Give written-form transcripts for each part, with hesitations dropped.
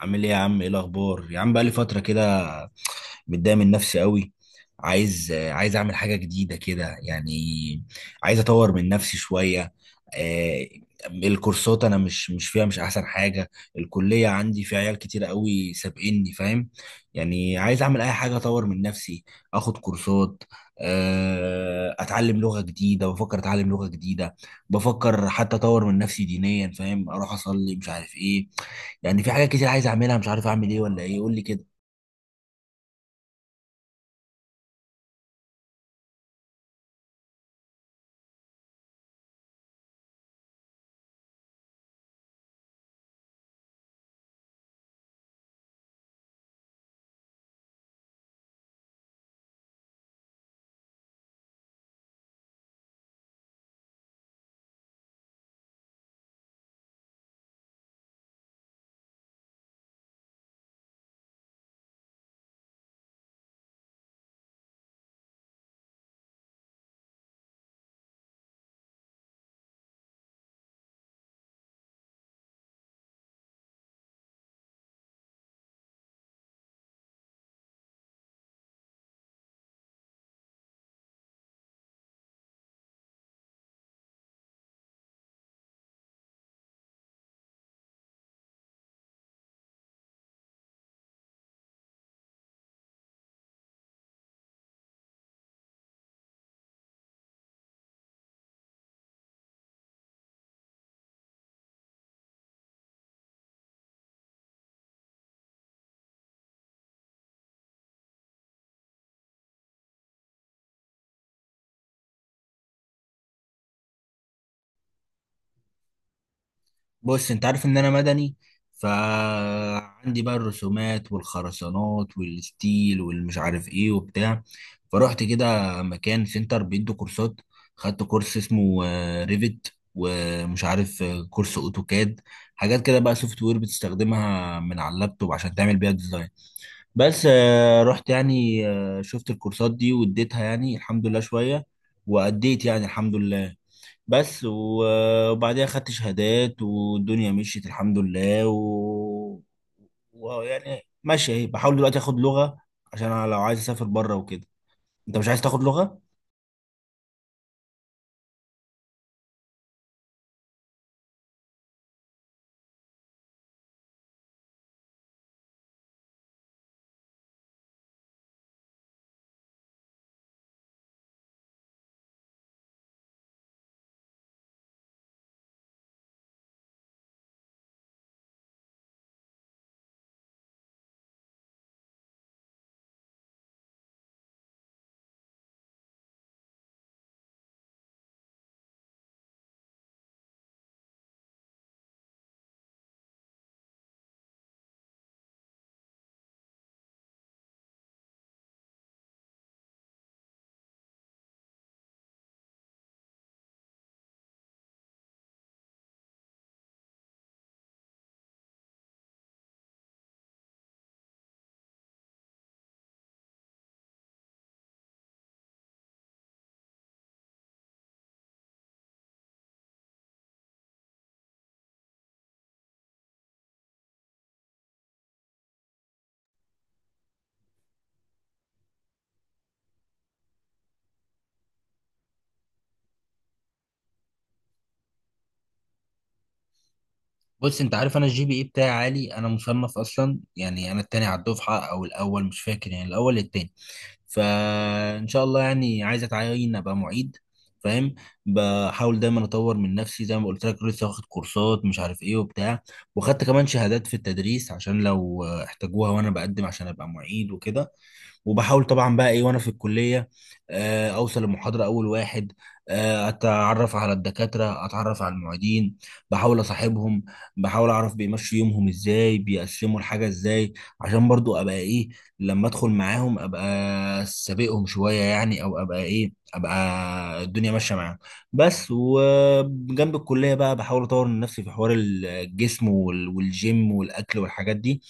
عامل ايه يا عم؟ ايه الاخبار يا عم؟ بقى لي فتره كده. متضايق من نفسي قوي. عايز اعمل حاجه جديده كده يعني. عايز اطور من نفسي شويه. آه، الكورسات انا مش فيها مش احسن حاجه. الكليه عندي في عيال كتير قوي سابقني، فاهم؟ يعني عايز اعمل اي حاجه اطور من نفسي. اخد كورسات. اتعلم لغه جديده بفكر اتعلم لغه جديده. بفكر حتى اطور من نفسي دينيا، فاهم، اروح اصلي مش عارف ايه. يعني في حاجات كتير عايز اعملها مش عارف اعمل ايه ولا ايه، قول لي كده. بص، انت عارف ان انا مدني. فعندي بقى الرسومات والخرسانات والستيل والمش عارف ايه وبتاع. فروحت كده مكان سنتر بيدوا كورسات. خدت كورس اسمه ريفت، ومش عارف كورس اوتوكاد. حاجات كده بقى سوفت وير بتستخدمها من على اللابتوب عشان تعمل بيها ديزاين. بس رحت يعني، شفت الكورسات دي واديتها يعني الحمد لله شوية. وأديت يعني الحمد لله. بس وبعديها خدت شهادات والدنيا مشيت الحمد لله. و... ويعني ماشي اهي. بحاول دلوقتي اخد لغة عشان انا لو عايز اسافر بره وكده. انت مش عايز تاخد لغة؟ بص، انت عارف انا الـGPA بتاعي عالي، انا مصنف اصلا. يعني انا التاني على الدفعه او الاول مش فاكر، يعني الاول التاني. فان شاء الله يعني عايز اتعين ابقى معيد، فاهم. بحاول دايما اطور من نفسي زي ما قلت لك، لسه واخد كورسات مش عارف ايه وبتاع. وخدت كمان شهادات في التدريس عشان لو احتاجوها وانا بقدم عشان ابقى معيد وكده. وبحاول طبعا بقى ايه وانا في الكليه، اوصل المحاضره اول واحد. اتعرف على الدكاتره، اتعرف على المعيدين. بحاول اصاحبهم. بحاول اعرف بيمشوا يومهم ازاي، بيقسموا الحاجه ازاي، عشان برضو ابقى ايه، لما ادخل معاهم ابقى سابقهم شويه يعني، او ابقى ايه، ابقى الدنيا ماشيه معاهم. بس وجنب الكليه بقى بحاول اطور من نفسي في حوار الجسم والجيم والاكل والحاجات دي.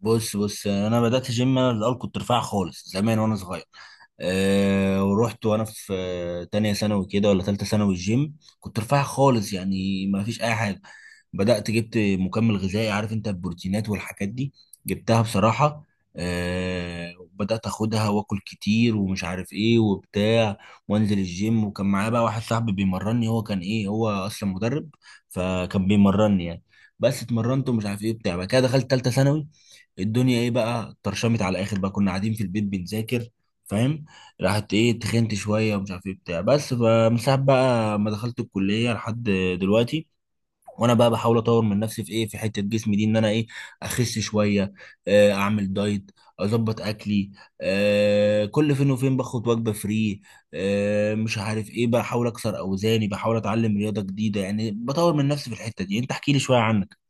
بص بص، انا بدات جيم. انا الاول كنت رفيع خالص زمان وانا صغير. ورحت وانا في تانية ثانوي كده ولا تالتة ثانوي. الجيم كنت رفيع خالص يعني ما فيش اي حاجه. بدأت جبت مكمل غذائي، عارف انت، البروتينات والحاجات دي. جبتها بصراحة. بدأت اخدها واكل كتير ومش عارف ايه وبتاع. وانزل الجيم، وكان معايا بقى واحد صاحبي بيمرني، هو كان ايه، هو اصلا مدرب. فكان بيمرني يعني. بس اتمرنت ومش عارف ايه بتاع. بعد كده دخلت تالتة ثانوي، الدنيا ايه بقى، طرشمت على الاخر بقى، كنا قاعدين في البيت بنذاكر، فاهم. راحت ايه تخنت شويه ومش عارف ايه بتاع. بس فمن ساعه بقى ما دخلت الكليه لحد دلوقتي، وانا بقى بحاول اطور من نفسي في ايه، في حته جسمي دي، ان انا ايه، اخس شويه. اعمل دايت. اظبط اكلي. كل فين وفين باخد وجبه فري. مش عارف ايه، بحاول اكسر اوزاني، بحاول اتعلم رياضه جديده يعني، بطور من نفسي في الحته دي. انت احكي لي شويه عنك.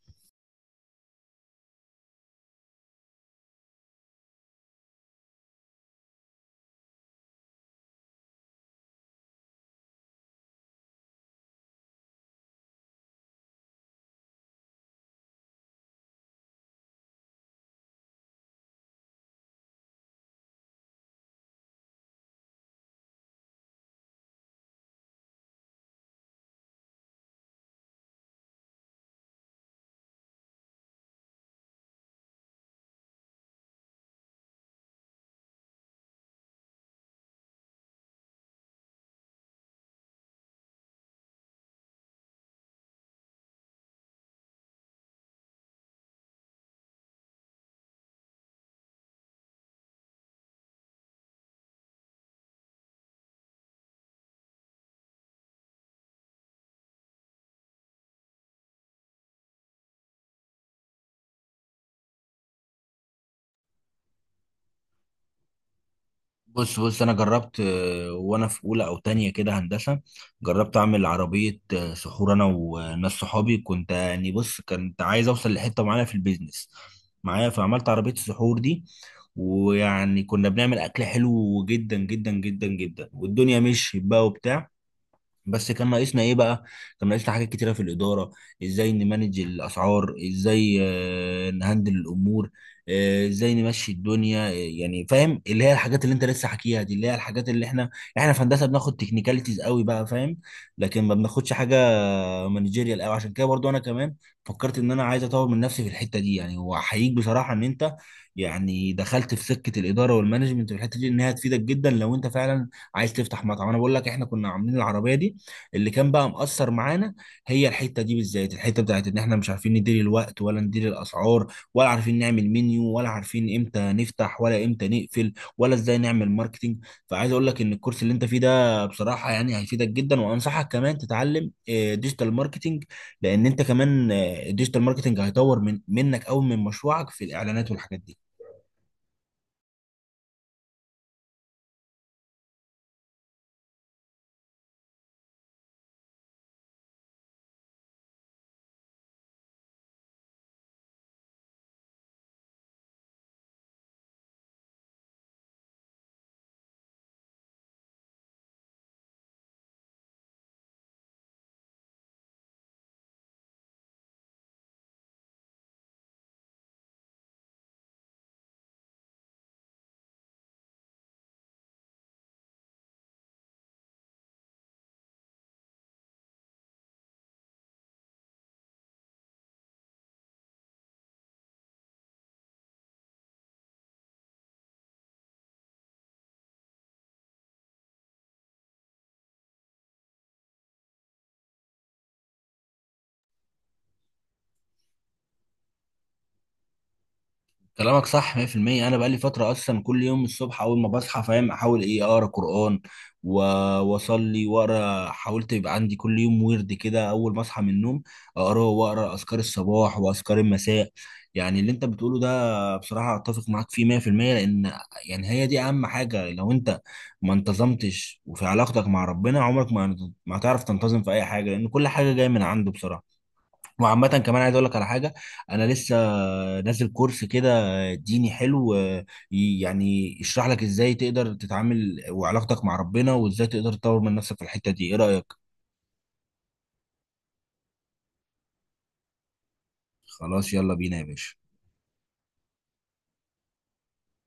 بص بص، انا جربت وانا في اولى او تانية كده هندسه. جربت اعمل عربيه سحور، انا وناس صحابي. كنت يعني، بص، كنت عايز اوصل لحته معينه في البيزنس معايا، فعملت عربيه السحور دي. ويعني كنا بنعمل اكل حلو جدا جدا جدا جدا، والدنيا مشيت بقى وبتاع. بس كان ناقصنا ايه بقى، كان ناقصنا حاجات كتيره في الاداره. ازاي نمانج الاسعار، ازاي نهندل الامور، ازاي نمشي الدنيا، يعني فاهم، اللي هي الحاجات اللي انت لسه حكيها دي، اللي هي الحاجات اللي احنا في هندسه بناخد تكنيكاليتيز قوي بقى، فاهم. لكن ما بناخدش حاجه مانجيريال قوي. عشان كده برضو انا كمان فكرت ان انا عايز اطور من نفسي في الحته دي يعني. واحييك بصراحه ان انت يعني دخلت في سكه الاداره والمانجمنت، في الحته دي انها تفيدك جدا لو انت فعلا عايز تفتح مطعم. انا بقول لك، احنا كنا عاملين العربيه دي، اللي كان بقى مأثر معانا هي الحته دي بالذات، الحته بتاعت ان احنا مش عارفين ندير الوقت، ولا ندير الاسعار، ولا عارفين نعمل منيو، ولا عارفين امتى نفتح ولا امتى نقفل، ولا ازاي نعمل ماركتينج. فعايز اقول لك ان الكورس اللي انت فيه ده بصراحه يعني هيفيدك جدا. وانصحك كمان تتعلم ديجيتال ماركتينج، لان انت كمان الديجيتال ماركتينج هيطور منك او من مشروعك في الاعلانات والحاجات دي. كلامك صح 100%. انا بقالي فتره اصلا كل يوم الصبح، اول ما بصحى، فاهم، احاول ايه، اقرا قران و- واصلي واقرا. حاولت يبقى عندي كل يوم ورد كده اول ما اصحى من النوم، اقراه، واقرا اذكار الصباح واذكار المساء. يعني اللي انت بتقوله ده بصراحه اتفق معاك فيه 100%. لان يعني هي دي اهم حاجه، لو انت ما انتظمتش وفي علاقتك مع ربنا، عمرك ما هتعرف تنتظم في اي حاجه، لان كل حاجه جايه من عنده بصراحه. وعامة كمان عايز اقول لك على حاجة. انا لسه نازل كورس كده ديني حلو، آه، يعني يشرح لك ازاي تقدر تتعامل وعلاقتك مع ربنا، وازاي تقدر تطور من نفسك في الحتة دي. ايه رأيك؟ خلاص، يلا بينا يا باشا.